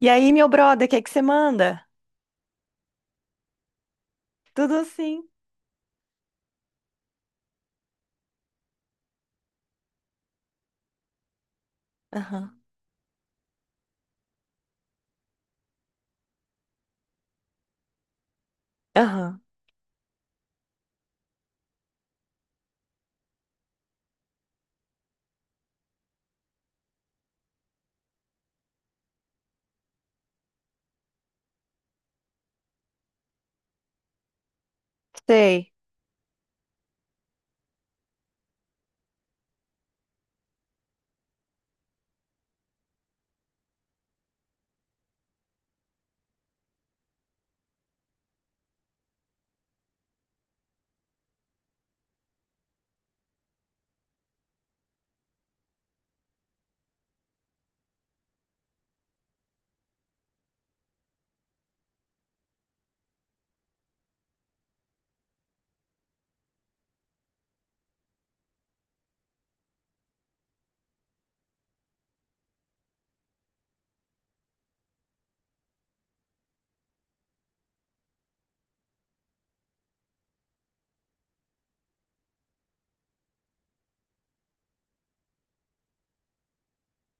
E aí, meu brother, o que é que você manda? Tudo assim. Aham, aham, sei.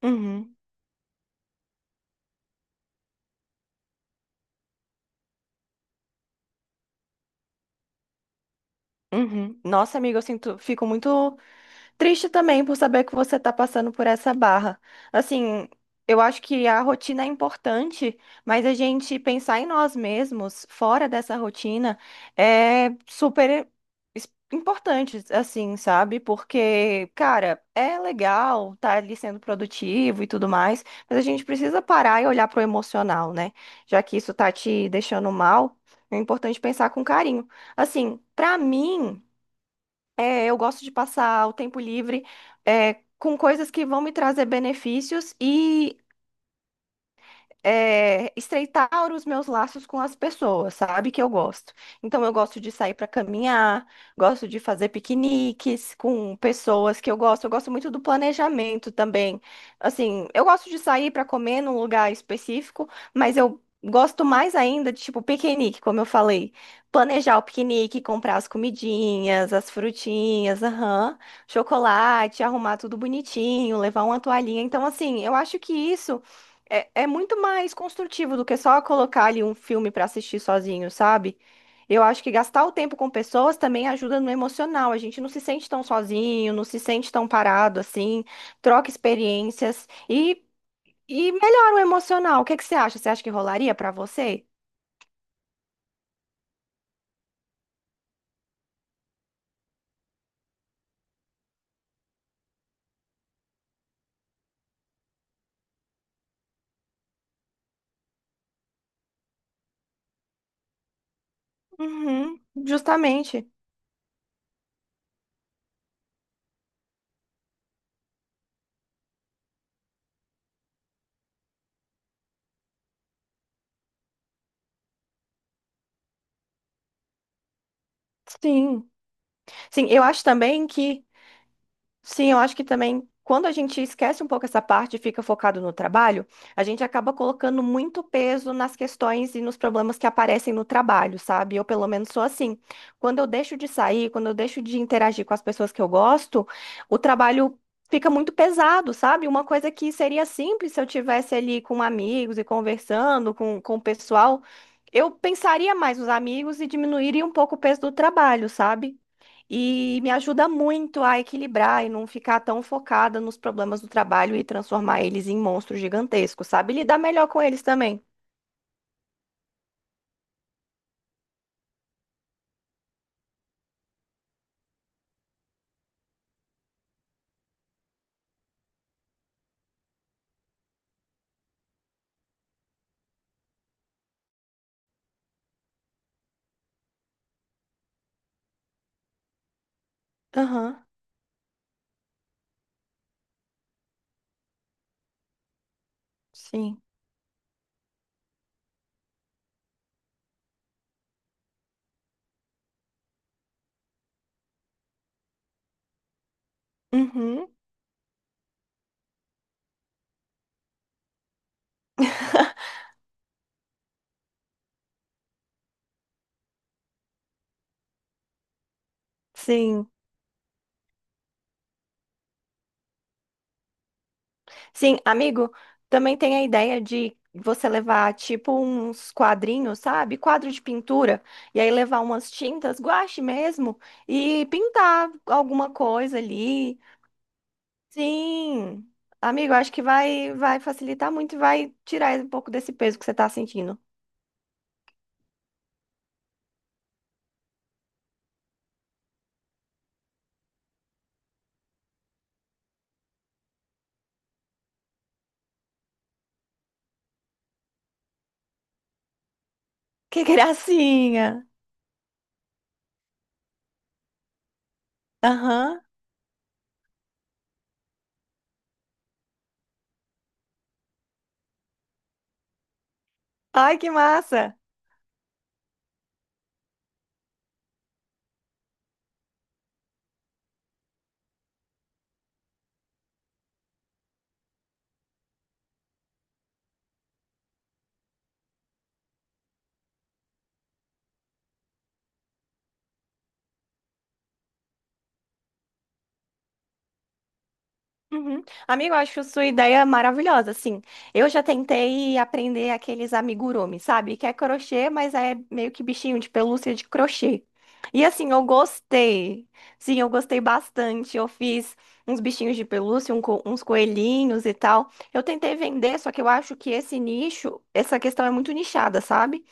Uhum, uhum. Nossa, amiga, eu sinto, fico muito. Triste também por saber que você está passando por essa barra. Assim, eu acho que a rotina é importante, mas a gente pensar em nós mesmos fora dessa rotina é super importante, assim, sabe? Porque, cara, é legal estar ali sendo produtivo e tudo mais, mas a gente precisa parar e olhar pro emocional, né? Já que isso tá te deixando mal, é importante pensar com carinho. Assim, pra mim. É, eu gosto de passar o tempo livre, com coisas que vão me trazer benefícios estreitar os meus laços com as pessoas, sabe? Que eu gosto. Então, eu gosto de sair para caminhar, gosto de fazer piqueniques com pessoas que eu gosto. Eu gosto muito do planejamento também. Assim, eu gosto de sair para comer num lugar específico, mas eu gosto mais ainda de, tipo, piquenique, como eu falei. Planejar o piquenique, comprar as comidinhas, as frutinhas, aham, chocolate, arrumar tudo bonitinho, levar uma toalhinha. Então, assim, eu acho que isso. É, é muito mais construtivo do que só colocar ali um filme para assistir sozinho, sabe? Eu acho que gastar o tempo com pessoas também ajuda no emocional. A gente não se sente tão sozinho, não se sente tão parado assim, troca experiências e melhora o emocional. O que que você acha? Você acha que rolaria para você? Uhum, justamente. Sim. Sim, eu acho também que Sim, eu acho que também quando a gente esquece um pouco essa parte e fica focado no trabalho, a gente acaba colocando muito peso nas questões e nos problemas que aparecem no trabalho, sabe? Eu, pelo menos, sou assim. Quando eu deixo de sair, quando eu deixo de interagir com as pessoas que eu gosto, o trabalho fica muito pesado, sabe? Uma coisa que seria simples se eu tivesse ali com amigos e conversando com o pessoal, eu pensaria mais nos amigos e diminuiria um pouco o peso do trabalho, sabe? E me ajuda muito a equilibrar e não ficar tão focada nos problemas do trabalho e transformar eles em monstros gigantescos, sabe? Lidar melhor com eles também. Aham, sim. Uhum. Sim, sim, amigo, também tem a ideia de você levar tipo uns quadrinhos, sabe? Quadro de pintura, e aí levar umas tintas, guache mesmo, e pintar alguma coisa ali. Sim, amigo, acho que vai facilitar muito e vai tirar um pouco desse peso que você tá sentindo. Que gracinha! Aham. Ai, que massa! Uhum. Amigo, eu acho sua ideia maravilhosa, assim. Eu já tentei aprender aqueles amigurumi, sabe? Que é crochê, mas é meio que bichinho de pelúcia de crochê. E assim, eu gostei. Sim, eu gostei bastante. Eu fiz uns bichinhos de pelúcia, uns coelhinhos e tal. Eu tentei vender, só que eu acho que esse nicho, essa questão é muito nichada, sabe?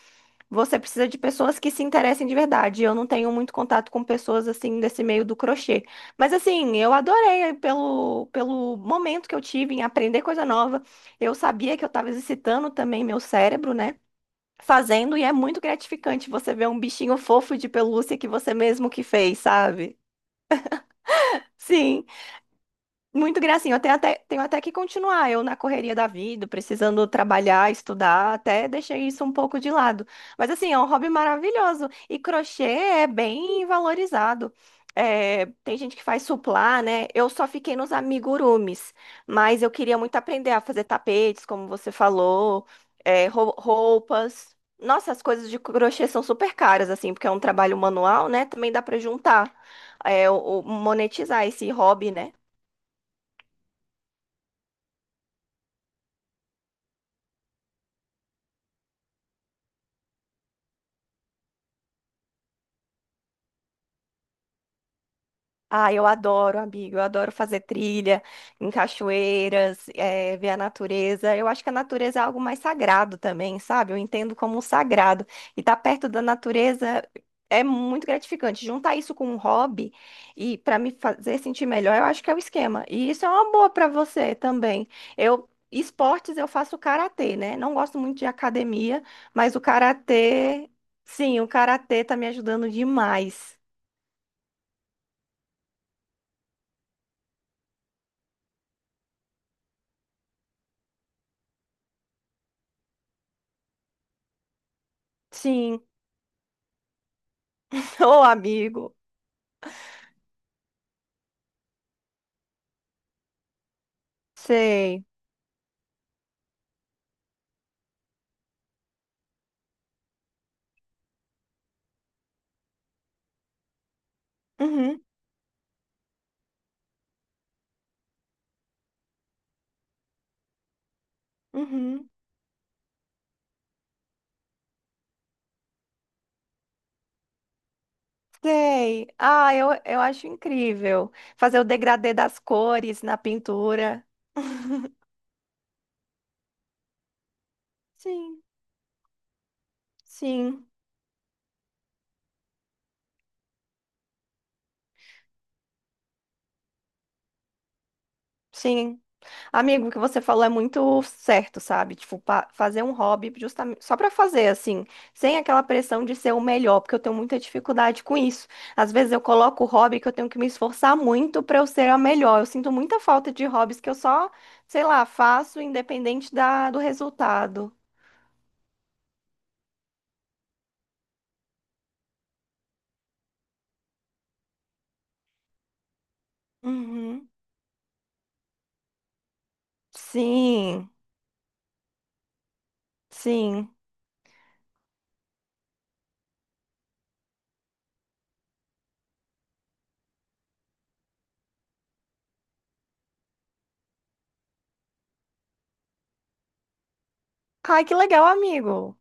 Você precisa de pessoas que se interessem de verdade. Eu não tenho muito contato com pessoas assim desse meio do crochê. Mas assim, eu adorei pelo momento que eu tive em aprender coisa nova. Eu sabia que eu estava exercitando também meu cérebro, né? Fazendo, e é muito gratificante você ver um bichinho fofo de pelúcia que você mesmo que fez, sabe? Sim. Muito gracinha. Tenho até que continuar. Eu, na correria da vida, precisando trabalhar, estudar, até deixei isso um pouco de lado. Mas, assim, é um hobby maravilhoso. E crochê é bem valorizado. É, tem gente que faz suplá, né? Eu só fiquei nos amigurumis, mas eu queria muito aprender a fazer tapetes, como você falou, é, roupas. Nossa, as coisas de crochê são super caras, assim, porque é um trabalho manual, né? Também dá para juntar, é, monetizar esse hobby, né? Ah, eu adoro, amigo. Eu adoro fazer trilha em cachoeiras, eh, ver a natureza. Eu acho que a natureza é algo mais sagrado também, sabe? Eu entendo como um sagrado. E estar perto da natureza é muito gratificante. Juntar isso com um hobby e para me fazer sentir melhor, eu acho que é o esquema. E isso é uma boa para você também. Eu esportes eu faço karatê, né? Não gosto muito de academia, mas o karatê, sim, o karatê tá me ajudando demais. Sim, ô amigo. Sei. Uhum, uhum. Sei. Ah, eu acho incrível fazer o degradê das cores na pintura. Sim, sim, sim. Amigo, o que você falou é muito certo, sabe? Tipo, fazer um hobby justamente só pra fazer assim, sem aquela pressão de ser o melhor, porque eu tenho muita dificuldade com isso. Às vezes eu coloco o hobby que eu tenho que me esforçar muito pra eu ser a melhor. Eu sinto muita falta de hobbies que eu só, sei lá, faço independente do resultado. Uhum. Sim, sim. Ai, que legal, amigo.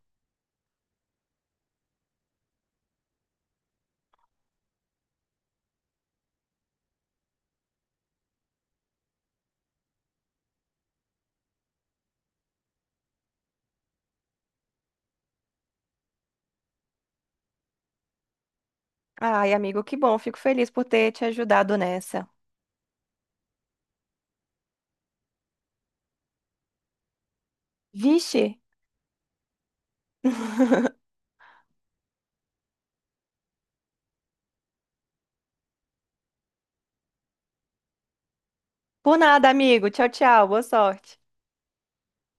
Ai, amigo, que bom. Fico feliz por ter te ajudado nessa. Vixe. Por nada, amigo. Tchau, tchau. Boa sorte.